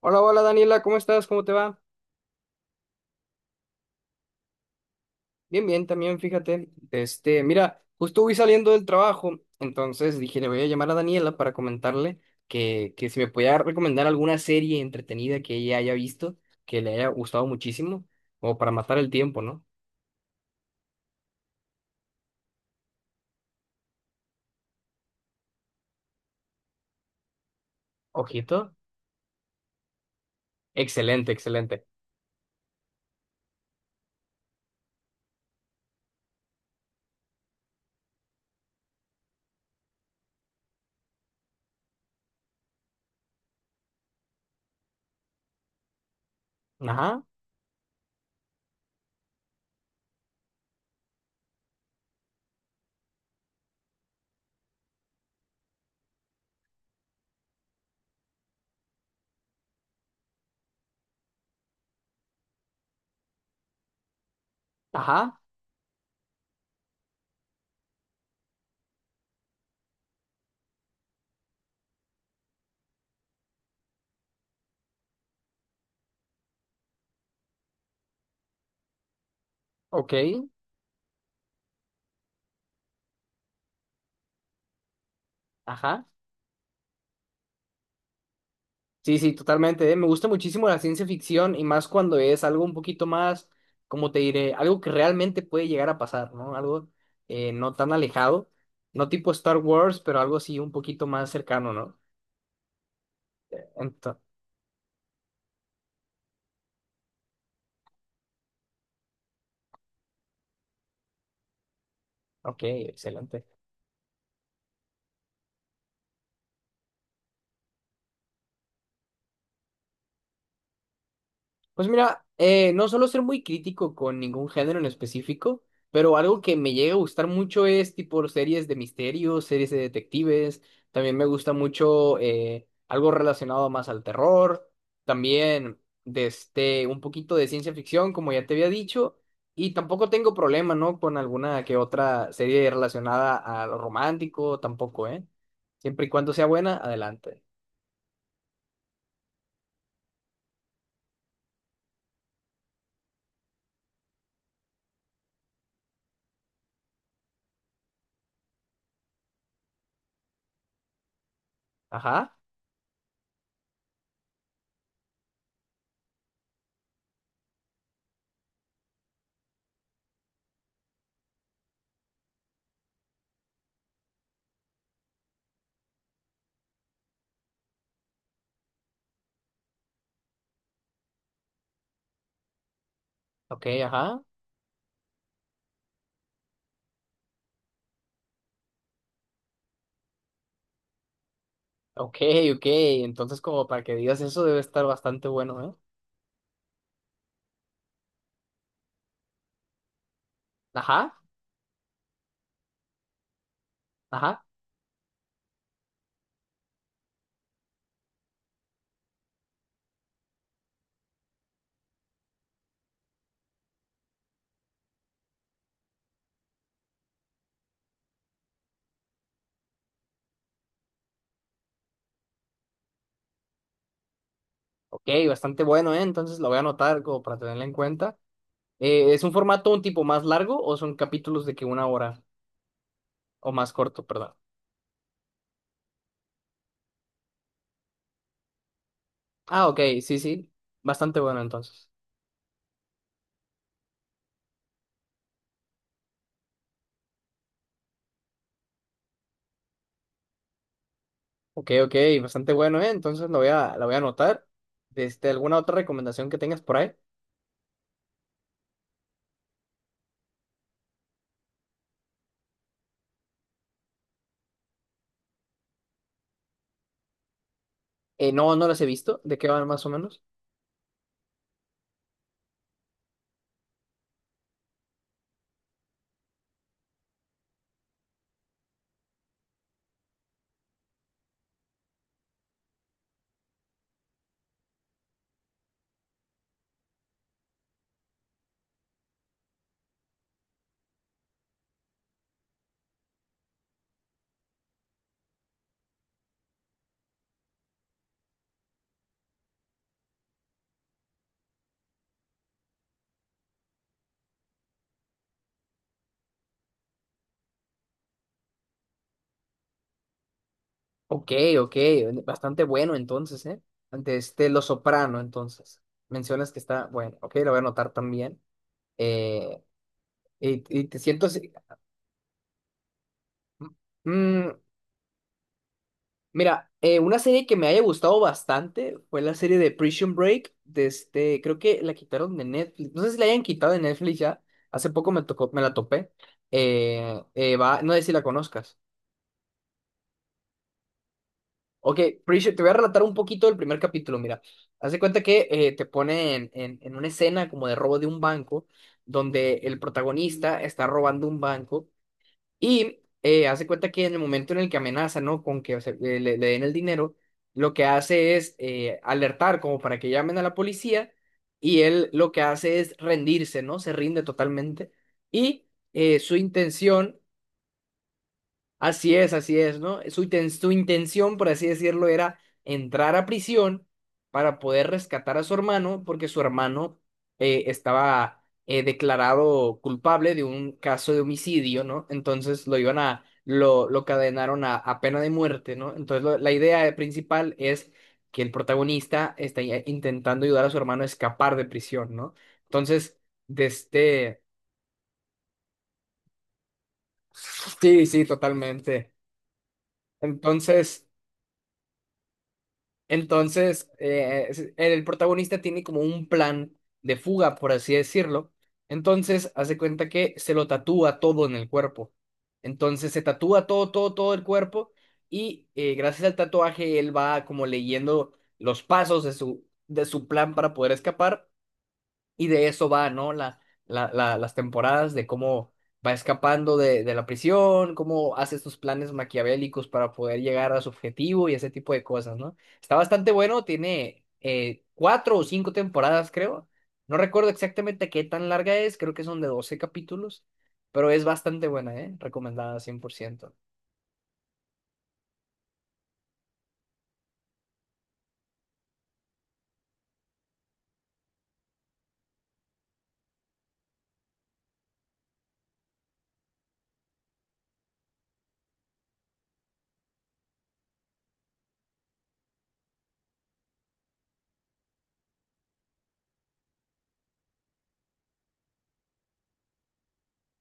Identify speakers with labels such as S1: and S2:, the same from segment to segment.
S1: Hola, hola Daniela, ¿cómo estás? ¿Cómo te va? Bien, bien, también fíjate. Mira, justo voy saliendo del trabajo, entonces dije, le voy a llamar a Daniela para comentarle que si me podía recomendar alguna serie entretenida que ella haya visto, que le haya gustado muchísimo, o para matar el tiempo, ¿no? Ojito. Excelente, excelente. Ajá, ajá, ok, ajá. Sí, sí, totalmente, ¿eh? Me gusta muchísimo la ciencia ficción y más cuando es algo un poquito más, como te diré, algo que realmente puede llegar a pasar, ¿no? Algo no tan alejado, no tipo Star Wars, pero algo así un poquito más cercano, ¿no? Ento- ok, excelente. Pues mira, no suelo ser muy crítico con ningún género en específico, pero algo que me llega a gustar mucho es tipo series de misterios, series de detectives. También me gusta mucho algo relacionado más al terror. También de este, un poquito de ciencia ficción, como ya te había dicho. Y tampoco tengo problema, ¿no? Con alguna que otra serie relacionada a lo romántico, tampoco, ¿eh? Siempre y cuando sea buena, adelante. Ajá, ok, ajá. Ok, ok. Entonces, como para que digas eso, debe estar bastante bueno, ¿eh? Ajá, ajá. Ok, bastante bueno, ¿eh? Entonces lo voy a anotar como para tenerla en cuenta. ¿Es un formato un tipo más largo o son capítulos de que una hora o más corto, perdón? Ah, ok, sí, sí. Bastante bueno, entonces. Ok, ok, bastante bueno, ¿eh? Entonces lo voy a, la voy a anotar. Este, ¿alguna otra recomendación que tengas por ahí? No, no las he visto. ¿De qué van más o menos? Ok, ok, bastante bueno entonces, ¿eh? Ante este Lo Soprano, entonces. Mencionas que está, bueno, ok, lo voy a anotar también. Eh, y te siento así- Mm, mira, una serie que me haya gustado bastante fue la serie de Prison Break, de este, creo que la quitaron de Netflix, no sé si la hayan quitado de Netflix ya, hace poco me tocó, me la topé. Va, no sé si la conozcas. Ok, Preacher, te voy a relatar un poquito del primer capítulo. Mira, haz de cuenta que te ponen en una escena como de robo de un banco, donde el protagonista está robando un banco y haz de cuenta que en el momento en el que amenaza, ¿no? Con que se- le- den el dinero, lo que hace es alertar como para que llamen a la policía y él lo que hace es rendirse, ¿no? Se rinde totalmente y su intención. Así es, ¿no? Su, inten- su intención, por así decirlo, era entrar a prisión para poder rescatar a su hermano, porque su hermano estaba declarado culpable de un caso de homicidio, ¿no? Entonces lo iban a, lo cadenaron a pena de muerte, ¿no? Entonces lo- la idea principal es que el protagonista está ya intentando ayudar a su hermano a escapar de prisión, ¿no? Entonces, de este... Sí, sí, totalmente. Entonces... Entonces, es- el protagonista tiene como un plan de fuga, por así decirlo. Entonces, hace cuenta que se lo tatúa todo en el cuerpo. Entonces, se tatúa todo, todo, todo el cuerpo y gracias al tatuaje él va como leyendo los pasos de su plan para poder escapar y de eso va, ¿no? Las temporadas de cómo va escapando de la prisión, cómo hace estos planes maquiavélicos para poder llegar a su objetivo y ese tipo de cosas, ¿no? Está bastante bueno, tiene cuatro o cinco temporadas, creo. No recuerdo exactamente qué tan larga es, creo que son de 12 capítulos, pero es bastante buena, ¿eh? Recomendada 100%.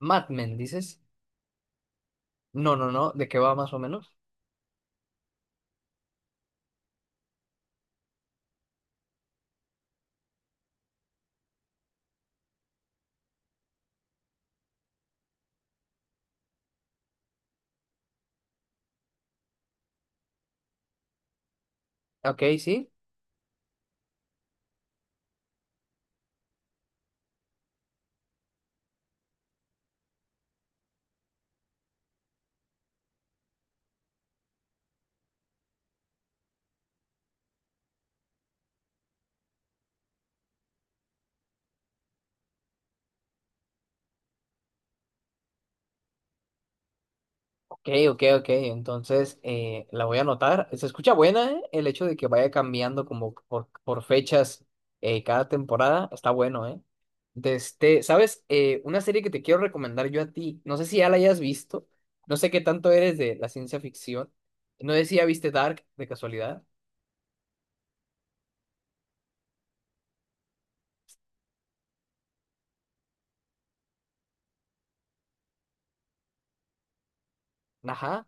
S1: Mad Men, ¿dices? No, no, no, ¿de qué va más o menos? Ok, sí. Ok, ok, ok. Entonces la voy a anotar. Se escucha buena, ¿eh? El hecho de que vaya cambiando como por fechas cada temporada. Está bueno, ¿eh? De este, ¿sabes? Una serie que te quiero recomendar yo a ti. No sé si ya la hayas visto. No sé qué tanto eres de la ciencia ficción. No sé si ya viste Dark de casualidad. Ajá.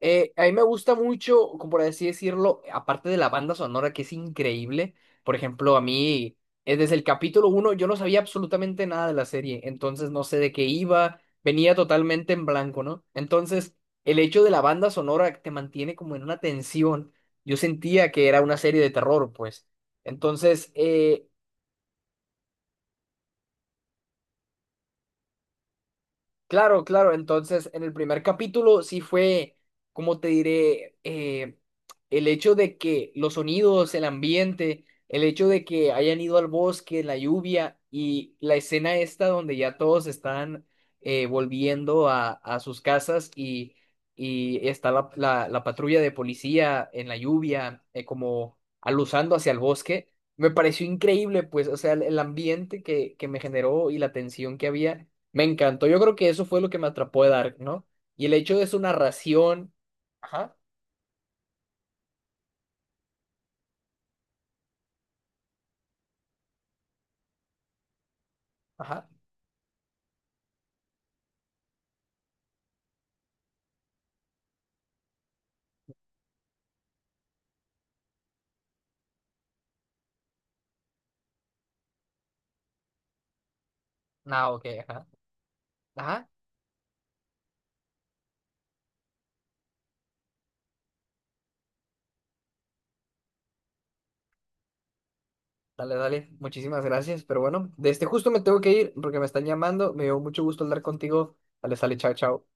S1: A mí me gusta mucho, como por así decirlo, aparte de la banda sonora que es increíble, por ejemplo, a mí desde el capítulo uno yo no sabía absolutamente nada de la serie, entonces no sé de qué iba, venía totalmente en blanco, ¿no? Entonces, el hecho de la banda sonora te mantiene como en una tensión. Yo sentía que era una serie de terror, pues. Entonces, eh, Claro, claro. Entonces, en el primer capítulo sí fue, como te diré, el hecho de que los sonidos, el ambiente, el hecho de que hayan ido al bosque, la lluvia y la escena esta donde ya todos están volviendo a sus casas y está la patrulla de policía en la lluvia, como aluzando hacia el bosque. Me pareció increíble, pues, o sea, el ambiente que me generó y la tensión que había. Me encantó. Yo creo que eso fue lo que me atrapó de Dark, ¿no? Y el hecho de su narración. Ajá, ajá. No, ok, ajá. Ajá. Dale, dale. Muchísimas gracias. Pero bueno, de este justo me tengo que ir porque me están llamando. Me dio mucho gusto hablar contigo. Dale, sale, chao, chao.